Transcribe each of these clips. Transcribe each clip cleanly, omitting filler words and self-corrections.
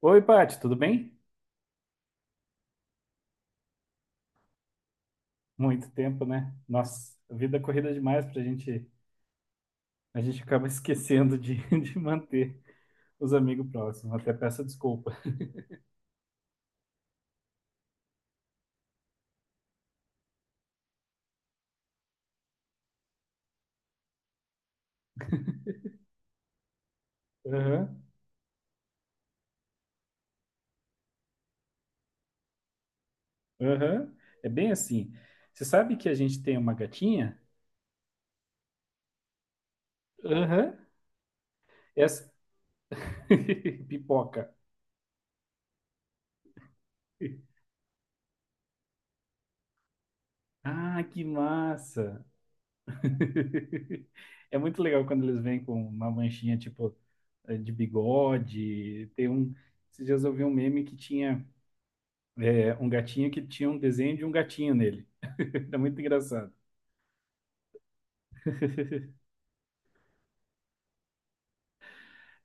Oi, Paty, tudo bem? Muito tempo, né? Nossa, a vida é corrida demais pra gente. A gente acaba esquecendo de manter os amigos próximos. Até peço desculpa. Aham, aham. É bem assim. Você sabe que a gente tem uma gatinha? Aham. Essa. Pipoca. Ah, que massa! É muito legal quando eles vêm com uma manchinha tipo de bigode. Tem um. Esses dias eu vi um meme que tinha. É, um gatinho que tinha um desenho de um gatinho nele. Era muito engraçado.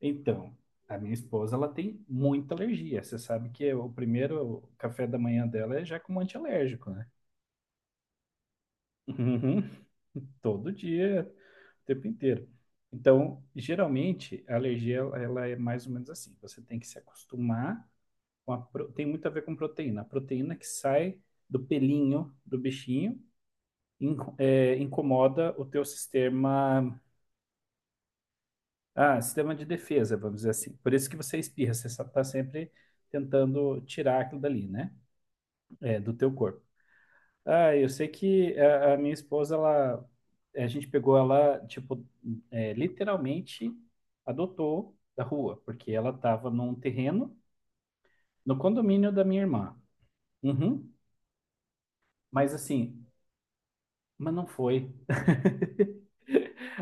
Então, a minha esposa, ela tem muita alergia. Você sabe que o primeiro café da manhã dela é já com um antialérgico, né? Uhum. Todo dia, o tempo inteiro. Então, geralmente, a alergia, ela é mais ou menos assim. Você tem que se acostumar. Tem muito a ver com proteína. A proteína que sai do pelinho do bichinho incomoda o teu sistema. Ah, sistema de defesa, vamos dizer assim. Por isso que você espirra, você está sempre tentando tirar aquilo dali, né? É, do teu corpo. Ah, eu sei que a minha esposa, ela, a gente pegou ela, tipo, literalmente adotou da rua, porque ela estava num terreno no condomínio da minha irmã. Uhum. Mas assim, mas não foi.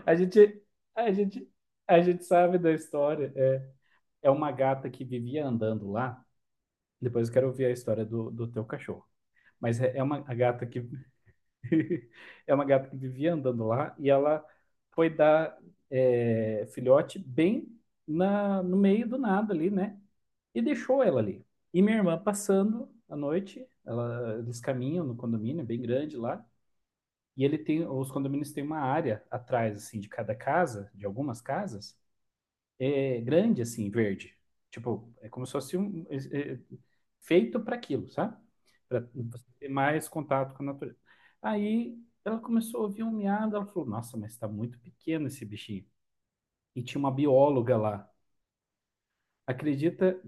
A gente, a gente, a gente sabe da história. É uma gata que vivia andando lá. Depois eu quero ouvir a história do teu cachorro. Mas é uma a gata que é uma gata que vivia andando lá e ela foi dar filhote bem no meio do nada ali, né? E deixou ela ali. E minha irmã passando à noite, eles caminham no condomínio bem grande lá. E os condomínios têm uma área atrás, assim, de cada casa, de algumas casas, grande, assim, verde. Tipo, é como se fosse um, feito para aquilo, sabe? Para você ter mais contato com a natureza. Aí ela começou a ouvir um miado, ela falou: "Nossa, mas está muito pequeno esse bichinho." E tinha uma bióloga lá. Acredita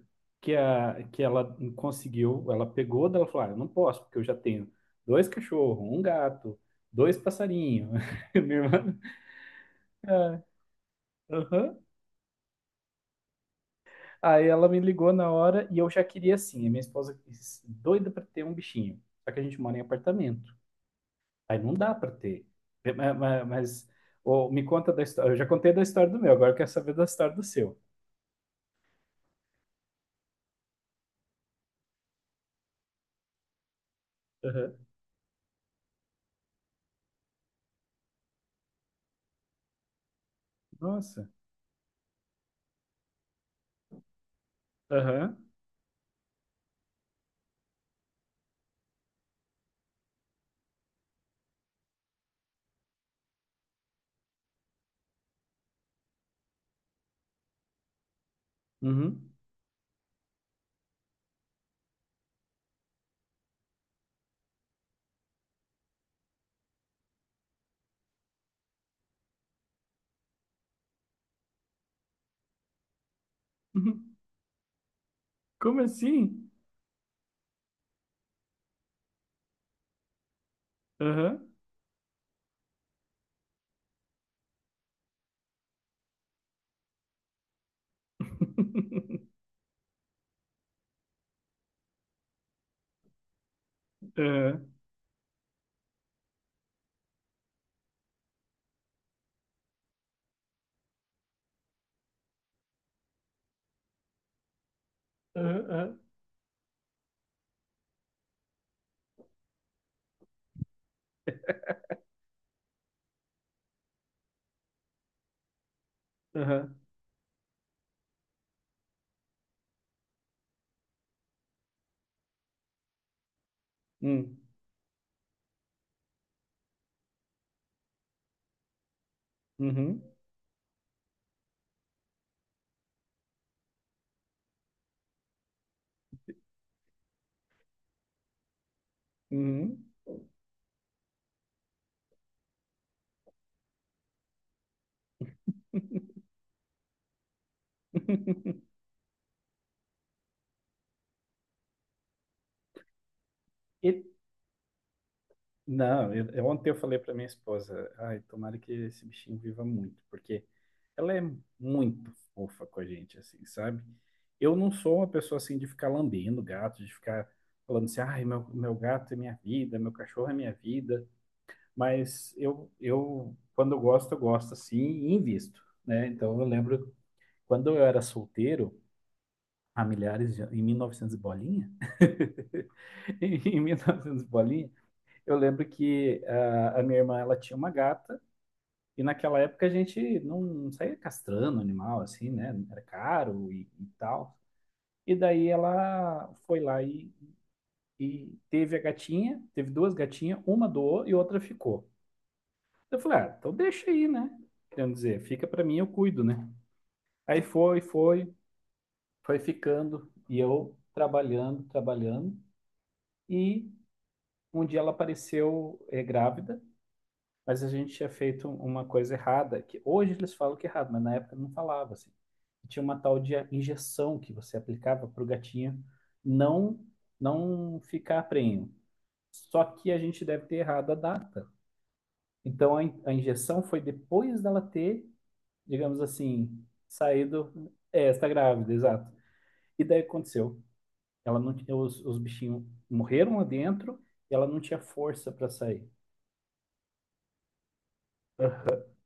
que ela conseguiu, ela pegou dela e falou: "Eu não posso, porque eu já tenho dois cachorros, um gato, dois passarinhos." Minha irmã. Ah, aham. Aí ela me ligou na hora e eu já queria assim. A minha esposa doida para ter um bichinho. Só que a gente mora em apartamento. Aí não dá para ter. É, Mas, ô, me conta da história. Eu já contei da história do meu, agora eu quero saber da história do seu. Aham. Nossa. Aham. Uhum. Uhum. Como assim? Aham. Aham. Aham. Aham. Aham. Hum. Uhum. Uhum. E Não, ontem eu falei para minha esposa, ai, tomara que esse bichinho viva muito, porque ela é muito fofa com a gente, assim, sabe? Eu não sou uma pessoa assim de ficar lambendo gato, de ficar falando assim, ai, meu gato é minha vida, meu cachorro é minha vida, mas eu quando eu gosto assim e invisto, né? Então eu lembro quando eu era solteiro, há milhares de, anos- em 1900 e bolinha, em 1900 e novecentos e bolinha, eu lembro que a minha irmã, ela tinha uma gata, e naquela época a gente não saía castrando animal, assim, né? Era caro e tal. E daí ela foi lá e teve a gatinha, teve duas gatinhas, uma doou e outra ficou. Eu falei, ah, então deixa aí, né? Querendo dizer, fica pra mim, eu cuido, né? Aí foi ficando, e eu trabalhando, trabalhando, e um dia ela apareceu grávida, mas a gente tinha feito uma coisa errada, que hoje eles falam que é errado, mas na época não falava assim. Tinha uma tal de injeção que você aplicava para o gatinho não não ficar prenho. Só que a gente deve ter errado a data. Então a injeção foi depois dela ter, digamos assim, saído. É, está grávida, exato. E daí aconteceu. Ela não tinha, os bichinhos morreram lá dentro e ela não tinha força para sair.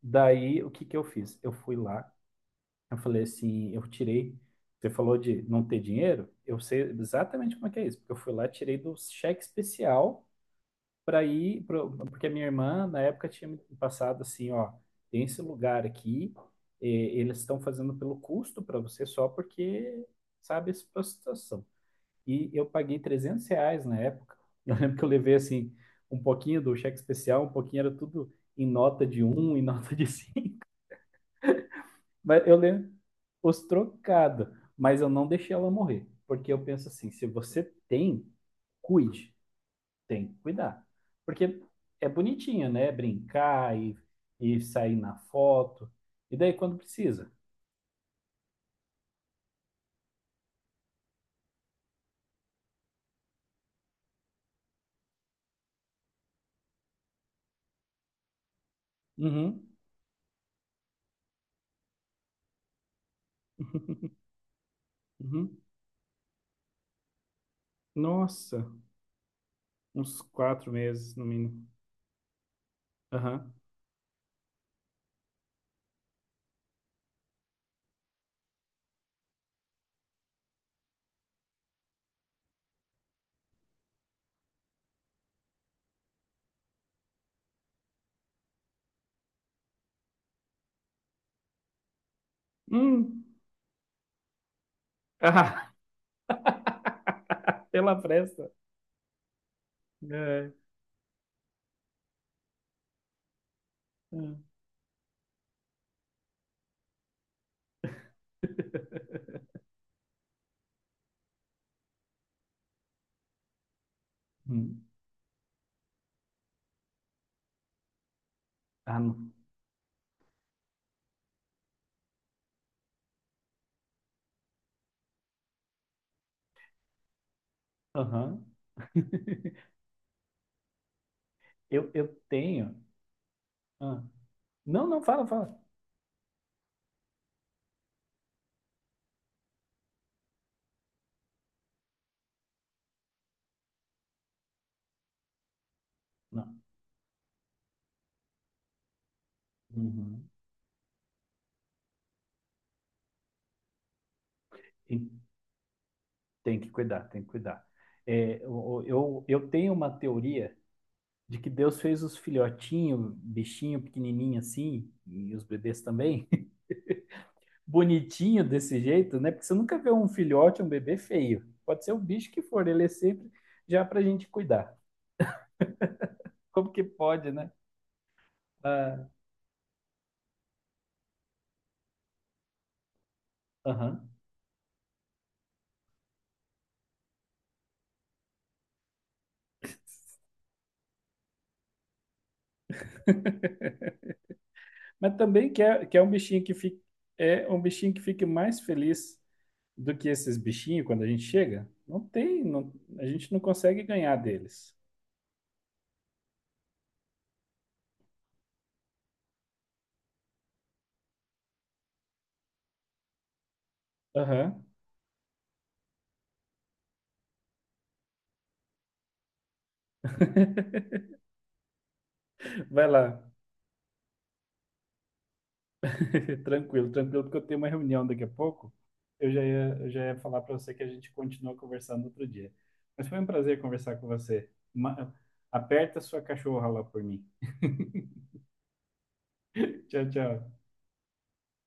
Daí o que que eu fiz? Eu fui lá, eu falei assim, eu tirei. Você falou de não ter dinheiro? Eu sei exatamente como é que é isso, porque eu fui lá, tirei do cheque especial porque a minha irmã na época tinha me passado assim, ó, tem esse lugar aqui, eh, eles estão fazendo pelo custo para você só porque sabe essa situação. E eu paguei R$ 300 na época. Eu lembro que eu levei assim um pouquinho do cheque especial, um pouquinho era tudo em nota de um, em nota de mas eu lembro os trocados, mas eu não deixei ela morrer. Porque eu penso assim, se você tem, cuide. Tem que cuidar. Porque é bonitinho, né? Brincar e sair na foto. E daí quando precisa. Uhum. Uhum. Nossa, uns 4 meses no mínimo. Aham. Hum. Ah. Pela pressa. É. É. Hum. Ah, não. Aham. Eu tenho. Ah, não, não, fala, fala. Não. Uhum. E tem que cuidar, tem que cuidar. É, eu tenho uma teoria de que Deus fez os filhotinhos, bichinho pequenininho assim, e os bebês também, bonitinho desse jeito, né? Porque você nunca vê um filhote, um bebê feio. Pode ser o bicho que for, ele é sempre já pra gente cuidar. Como que pode, né? Ah, aham. Mas também que é, um bichinho que fica, é um bichinho que fique mais feliz do que esses bichinhos quando a gente chega? Não tem, não- A gente não consegue ganhar deles. Aham. Vai lá. Tranquilo, tranquilo, porque eu tenho uma reunião daqui a pouco. Eu já ia falar para você que a gente continua conversando outro dia. Mas foi um prazer conversar com você. Aperta sua cachorra lá por mim. Tchau, tchau.